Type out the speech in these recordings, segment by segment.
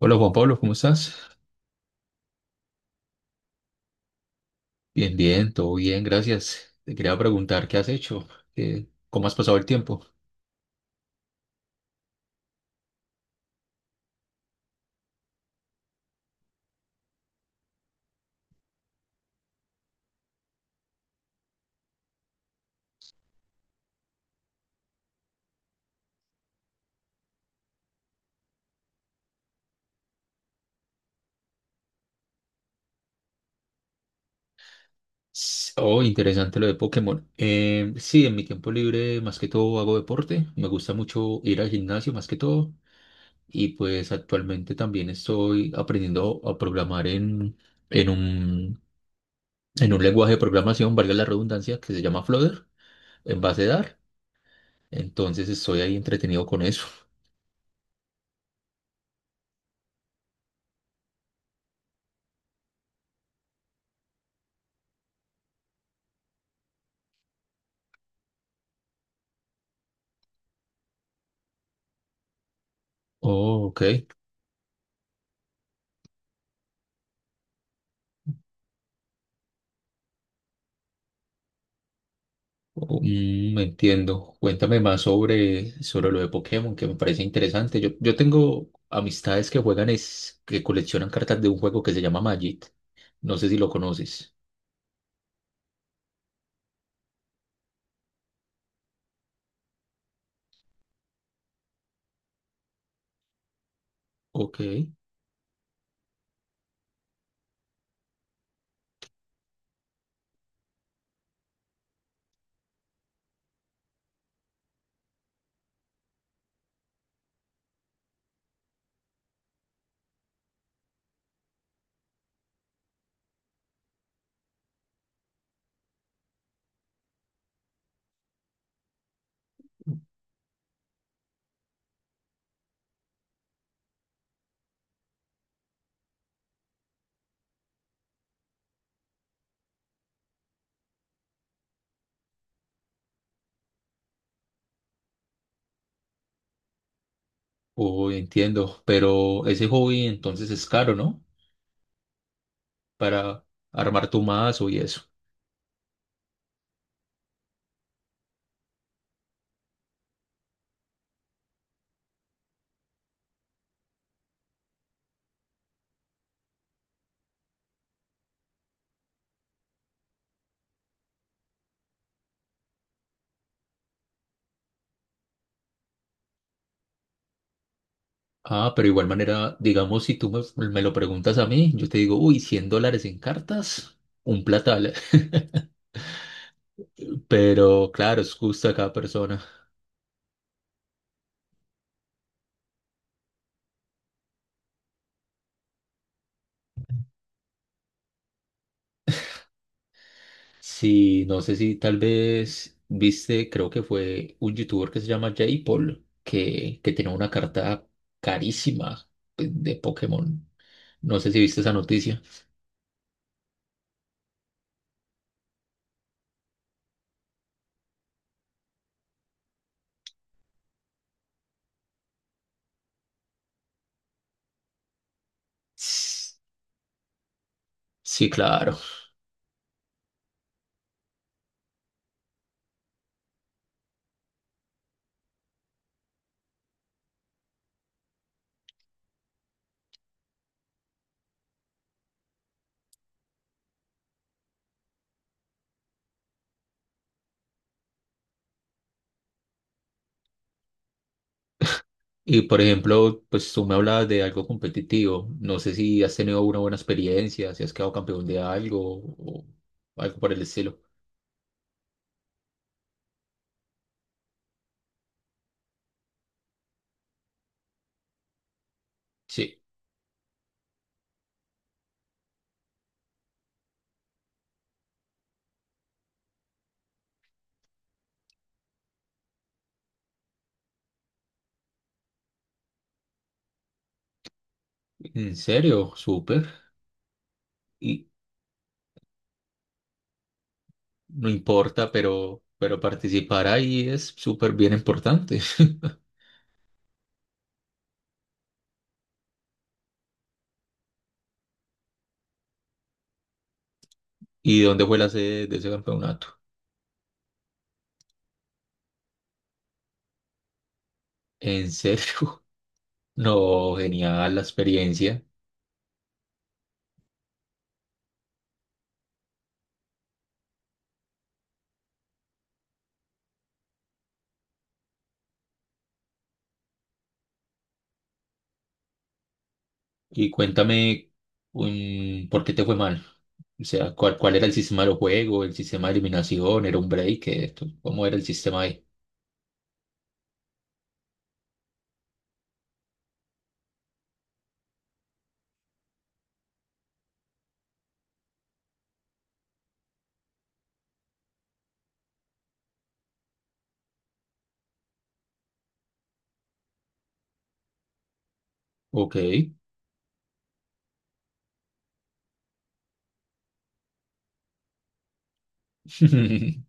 Hola Juan Pablo, ¿cómo estás? Bien, bien, todo bien, gracias. Te quería preguntar qué has hecho. ¿ Cómo has pasado el tiempo. Oh, interesante lo de Pokémon. Sí, en mi tiempo libre más que todo hago deporte, me gusta mucho ir al gimnasio más que todo. Y pues actualmente también estoy aprendiendo a programar en un, en un lenguaje de programación, valga la redundancia, que se llama Flutter, en base de Dart. Entonces estoy ahí entretenido con eso. Oh, ok. Mm, entiendo. Cuéntame más sobre lo de Pokémon, que me parece interesante. Yo tengo amistades que juegan, que coleccionan cartas de un juego que se llama Magic. No sé si lo conoces. Ok. Oh, entiendo. Pero ese hobby entonces es caro, ¿no? Para armar tu mazo y eso. Ah, pero igual manera, digamos, si tú me lo preguntas a mí, yo te digo, uy, 100 dólares en cartas, un platal. Pero claro, es justo a cada persona. Sí, no sé si tal vez viste, creo que fue un youtuber que se llama Jay Paul, que tenía una carta carísima pues, de Pokémon. No sé si viste esa noticia. S- Sí, claro. Y por ejemplo, pues tú me hablabas de algo competitivo. No sé si has tenido una buena experiencia, si has quedado campeón de algo o algo por el estilo. Sí, en serio, súper. No importa, pero participar ahí es súper bien importante. ¿Y dónde fue la sede de ese campeonato? ¿En serio? No, genial la experiencia. Y cuéntame, ¿por qué te fue mal? O sea, ¿cuál era el sistema del juego? ¿El sistema de eliminación? ¿Era un break? Esto, ¿cómo era el sistema ahí? Ok.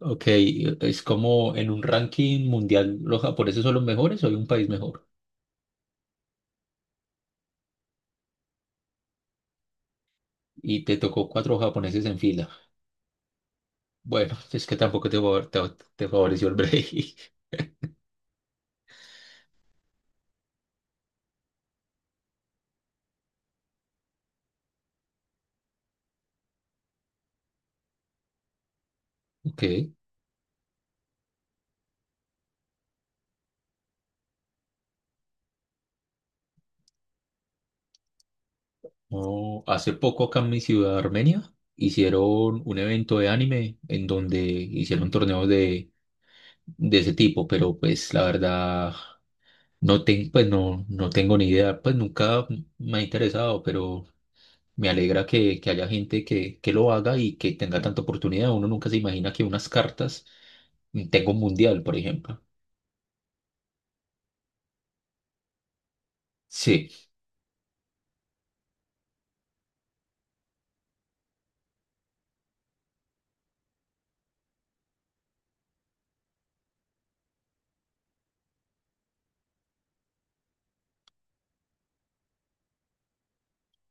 Ok, es como en un ranking mundial, ¿los japoneses son los mejores o hay un país mejor? Y te tocó cuatro japoneses en fila. Bueno, es que tampoco te favoreció el break. Ok. No, hace poco acá en mi ciudad, Armenia, hicieron un evento de anime en donde hicieron torneos de ese tipo, pero pues la verdad no, pues, no, no tengo ni idea, pues nunca me ha interesado, pero me alegra que haya gente que lo haga y que tenga tanta oportunidad. Uno nunca se imagina que unas cartas tenga un mundial, por ejemplo. Sí,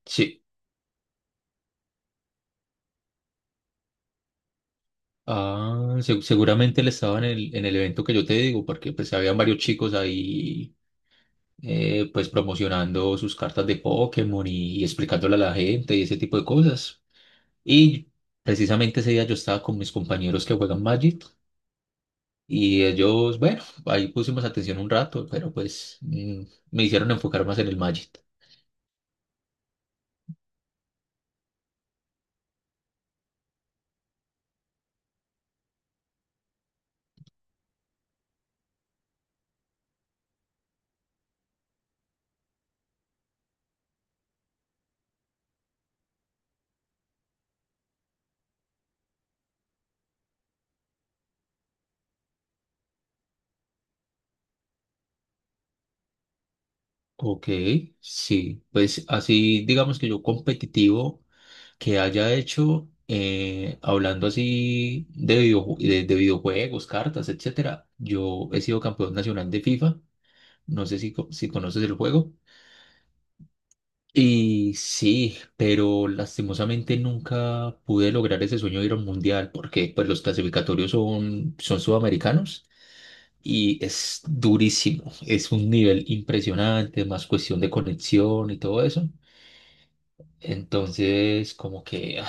sí. Ah, seguramente él estaba en el evento que yo te digo, porque pues habían varios chicos ahí pues promocionando sus cartas de Pokémon y explicándole a la gente y ese tipo de cosas. Y precisamente ese día yo estaba con mis compañeros que juegan Magic y ellos, bueno, ahí pusimos atención un rato, pero pues me hicieron enfocar más en el Magic. Ok, sí, pues así digamos que yo competitivo. Que haya hecho, hablando así de videojuegos, cartas, etcétera. Yo he sido campeón nacional de FIFA, no sé si conoces el juego. Y sí, pero lastimosamente nunca pude lograr ese sueño de ir a un mundial porque pues, los clasificatorios son sudamericanos y es durísimo, es un nivel impresionante, más cuestión de conexión y todo eso. Entonces, como que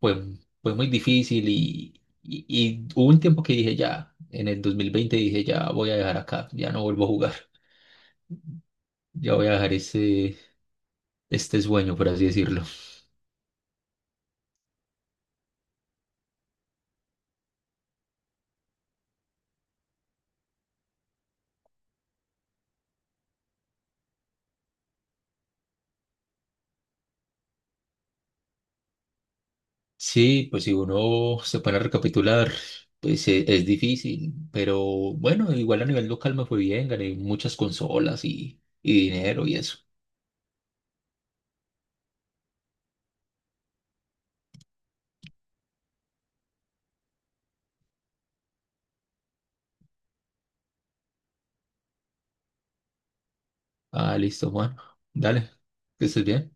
fue, fue muy difícil y hubo un tiempo que dije ya, en el 2020 dije ya voy a dejar acá, ya no vuelvo a jugar, ya voy a dejar este sueño, por así decirlo. Sí, pues si uno se pone a recapitular, pues es difícil, pero bueno, igual a nivel local me fue bien, gané muchas consolas y dinero y eso. Ah, listo, Juan, dale, que estés bien.